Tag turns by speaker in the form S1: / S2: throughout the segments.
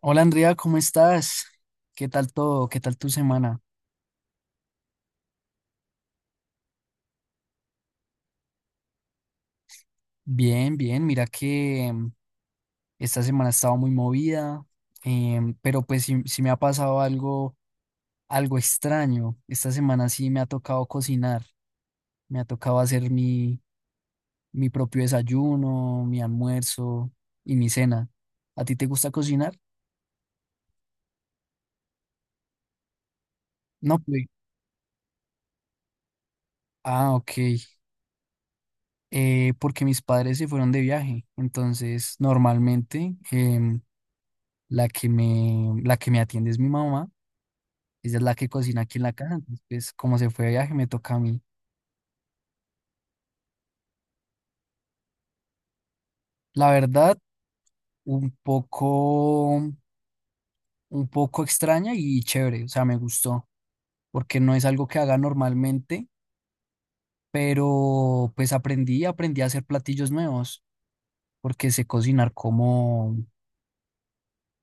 S1: Hola Andrea, ¿cómo estás? ¿Qué tal todo? ¿Qué tal tu semana? Bien, bien. Mira que esta semana estaba muy movida, pero pues sí, sí me ha pasado algo extraño. Esta semana sí me ha tocado cocinar, me ha tocado hacer mi propio desayuno, mi almuerzo y mi cena. ¿A ti te gusta cocinar? No, pues. Ah, ok. Porque mis padres se fueron de viaje, entonces normalmente la la que me atiende es mi mamá. Ella es la que cocina aquí en la casa. Entonces, pues, como se fue de viaje, me toca a mí. La verdad, un poco, un poco extraña y chévere. O sea, me gustó. Porque no es algo que haga normalmente, pero pues aprendí a hacer platillos nuevos. Porque sé cocinar como,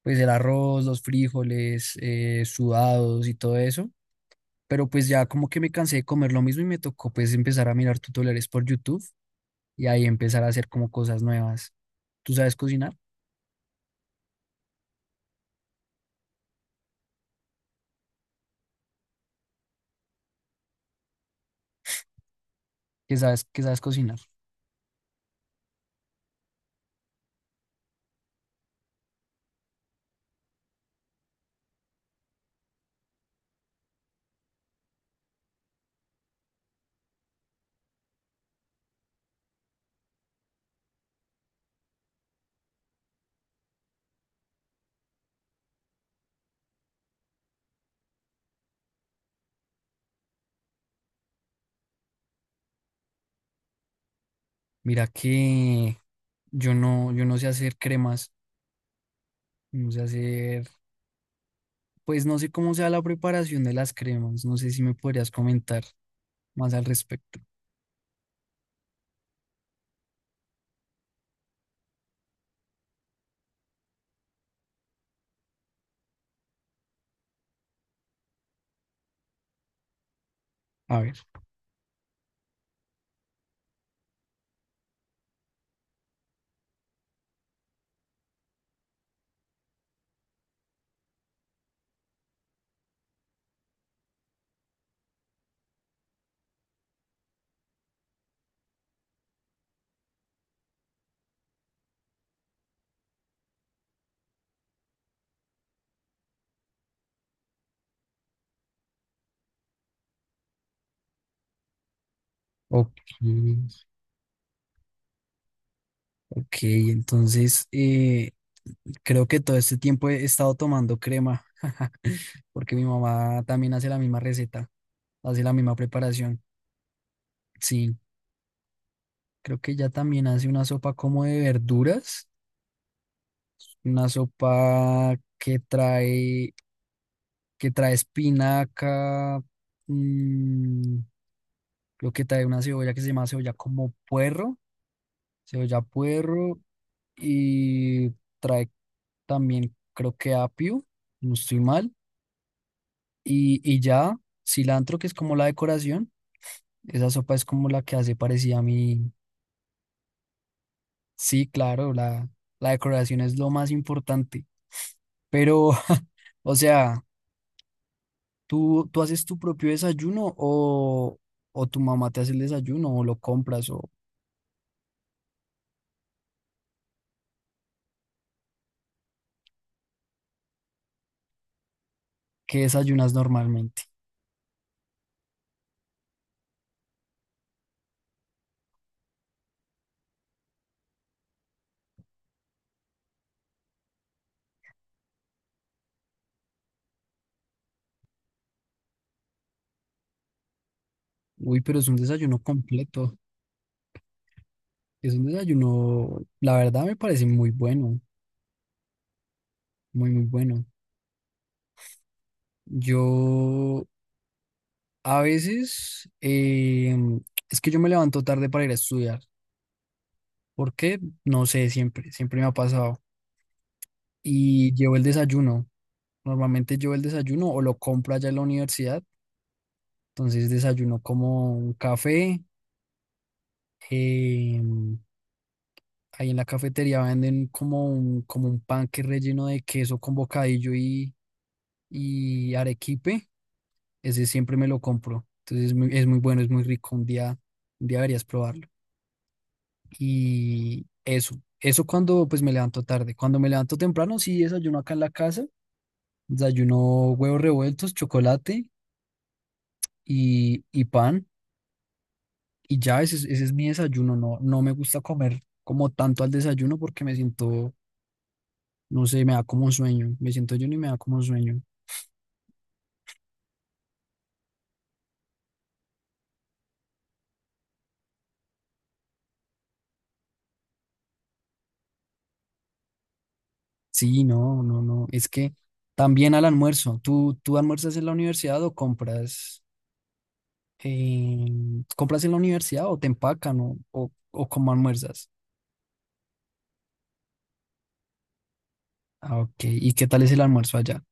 S1: pues, el arroz, los frijoles, sudados y todo eso. Pero pues ya como que me cansé de comer lo mismo y me tocó pues empezar a mirar tutoriales por YouTube y ahí empezar a hacer como cosas nuevas. ¿Tú sabes cocinar? ¿Qué sabes cocinar? Mira que yo no sé hacer cremas, no sé hacer, pues no sé cómo sea la preparación de las cremas, no sé si me podrías comentar más al respecto. A ver, ok, ok, entonces creo que todo este tiempo he estado tomando crema, porque mi mamá también hace la misma receta, hace la misma preparación. Sí, creo que ella también hace una sopa como de verduras. Una sopa que trae espinaca, mm, lo que trae una cebolla que se llama cebolla como puerro, cebolla puerro, y trae también creo que apio, si no estoy mal, y ya cilantro que es como la decoración, esa sopa es como la que hace parecida a mí. Sí, claro, la decoración es lo más importante, pero, o sea... ¿Tú haces tu propio desayuno o tu mamá te hace el desayuno o lo compras o qué desayunas normalmente? Uy, pero es un desayuno completo. Es un desayuno, la verdad me parece muy bueno, muy, muy bueno. Yo a veces, es que yo me levanto tarde para ir a estudiar. ¿Por qué? No sé, siempre me ha pasado. Y llevo el desayuno. Normalmente llevo el desayuno o lo compro allá en la universidad. Entonces desayuno como un café eh, ahí en la cafetería venden como como un pan que es relleno de queso con bocadillo y arequipe. Ese siempre me lo compro. Entonces es muy bueno, es muy rico. Un día deberías probarlo. Y eso cuando pues me levanto tarde. Cuando me levanto temprano, sí desayuno acá en la casa. Desayuno huevos revueltos, chocolate y pan. Y ya ese es mi desayuno. No, no me gusta comer como tanto al desayuno porque me siento. No sé, me da como sueño. Me siento yo y me da como sueño. Sí, no, no, no. Es que también al almuerzo. ¿Tú almuerzas en la universidad o compras, eh, compras en la universidad o te empacan o cómo almuerzas? Ah, ok. ¿Y qué tal es el almuerzo allá?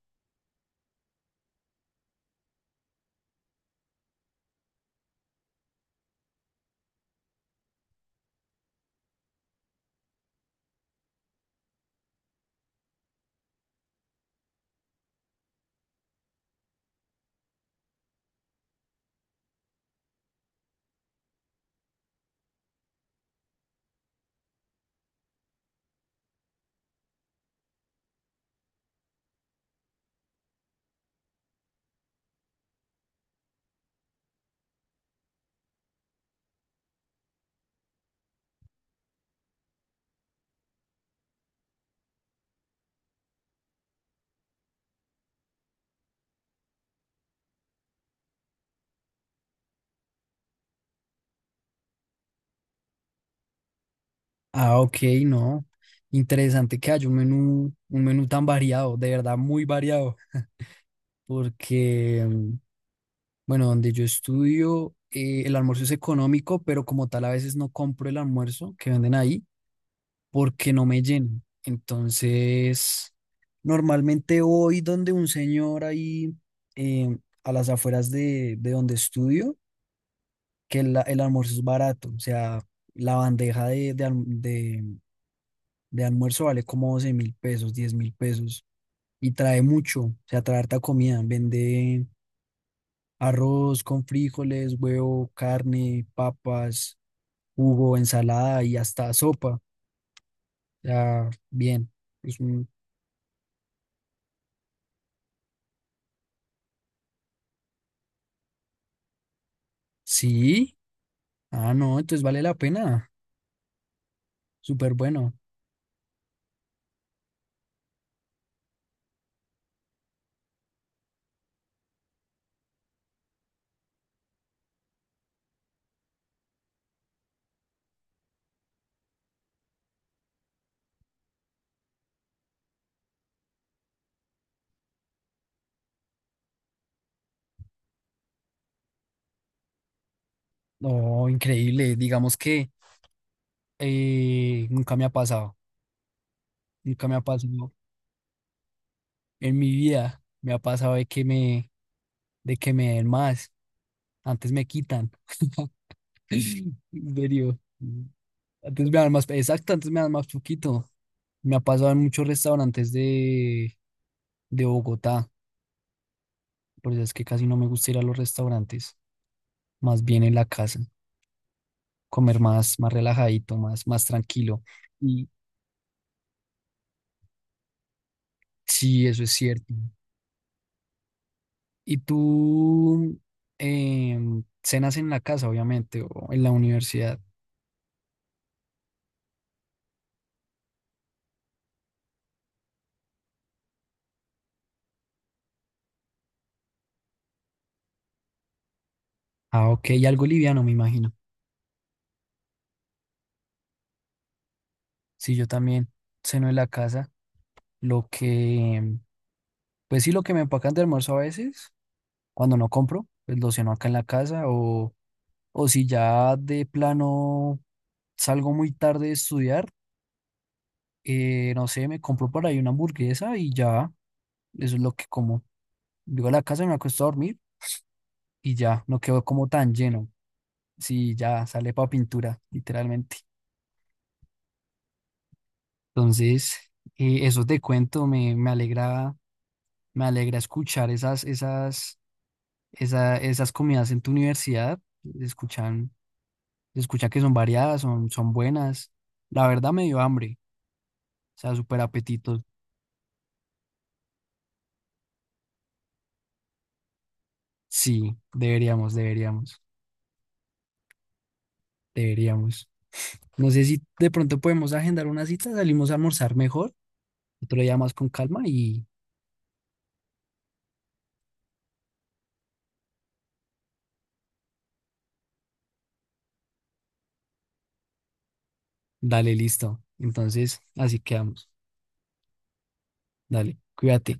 S1: Ah, ok, no. Interesante que haya un menú tan variado, de verdad muy variado, porque, bueno, donde yo estudio, el almuerzo es económico, pero como tal a veces no compro el almuerzo que venden ahí porque no me lleno. Entonces, normalmente voy donde un señor ahí eh, a las afueras de donde estudio, que el almuerzo es barato, o sea, la bandeja de almuerzo vale como 12.000 pesos, 10.000 pesos, y trae mucho, o sea, trae harta comida, vende arroz con frijoles, huevo, carne, papas, jugo, ensalada y hasta sopa, o sea, bien. Es un, sí, ah, no, entonces vale la pena. Súper bueno. No, increíble. Digamos que nunca me ha pasado. Nunca me ha pasado en mi vida. Me ha pasado de de que me den más. Antes me quitan. En serio. Antes me dan más. Exacto, antes me dan más poquito. Me ha pasado en muchos restaurantes de Bogotá. Por eso es que casi no me gusta ir a los restaurantes. Más bien en la casa. Comer más, más relajadito, más, más tranquilo. Y sí, eso es cierto. ¿Y tú cenas en la casa, obviamente, o en la universidad? Ah, ok, y algo liviano, me imagino. Sí, yo también ceno en la casa. Lo que, pues sí, lo que me empacan de almuerzo a veces, cuando no compro, pues lo ceno acá en la casa. O si ya de plano salgo muy tarde de estudiar, no sé, me compro por ahí una hamburguesa y ya, eso es lo que como. Llego a la casa, me acuesto a dormir y ya, no quedo como tan lleno. Sí, ya sale para pintura, literalmente. Entonces, eso te cuento, me alegra escuchar esas comidas en tu universidad. Se escuchan, se escucha que son variadas, son, son buenas. La verdad me dio hambre, o sea, súper apetito. Sí, deberíamos. No sé si de pronto podemos agendar una cita, salimos a almorzar mejor, otro día más con calma y dale, listo. Entonces, así quedamos. Dale, cuídate.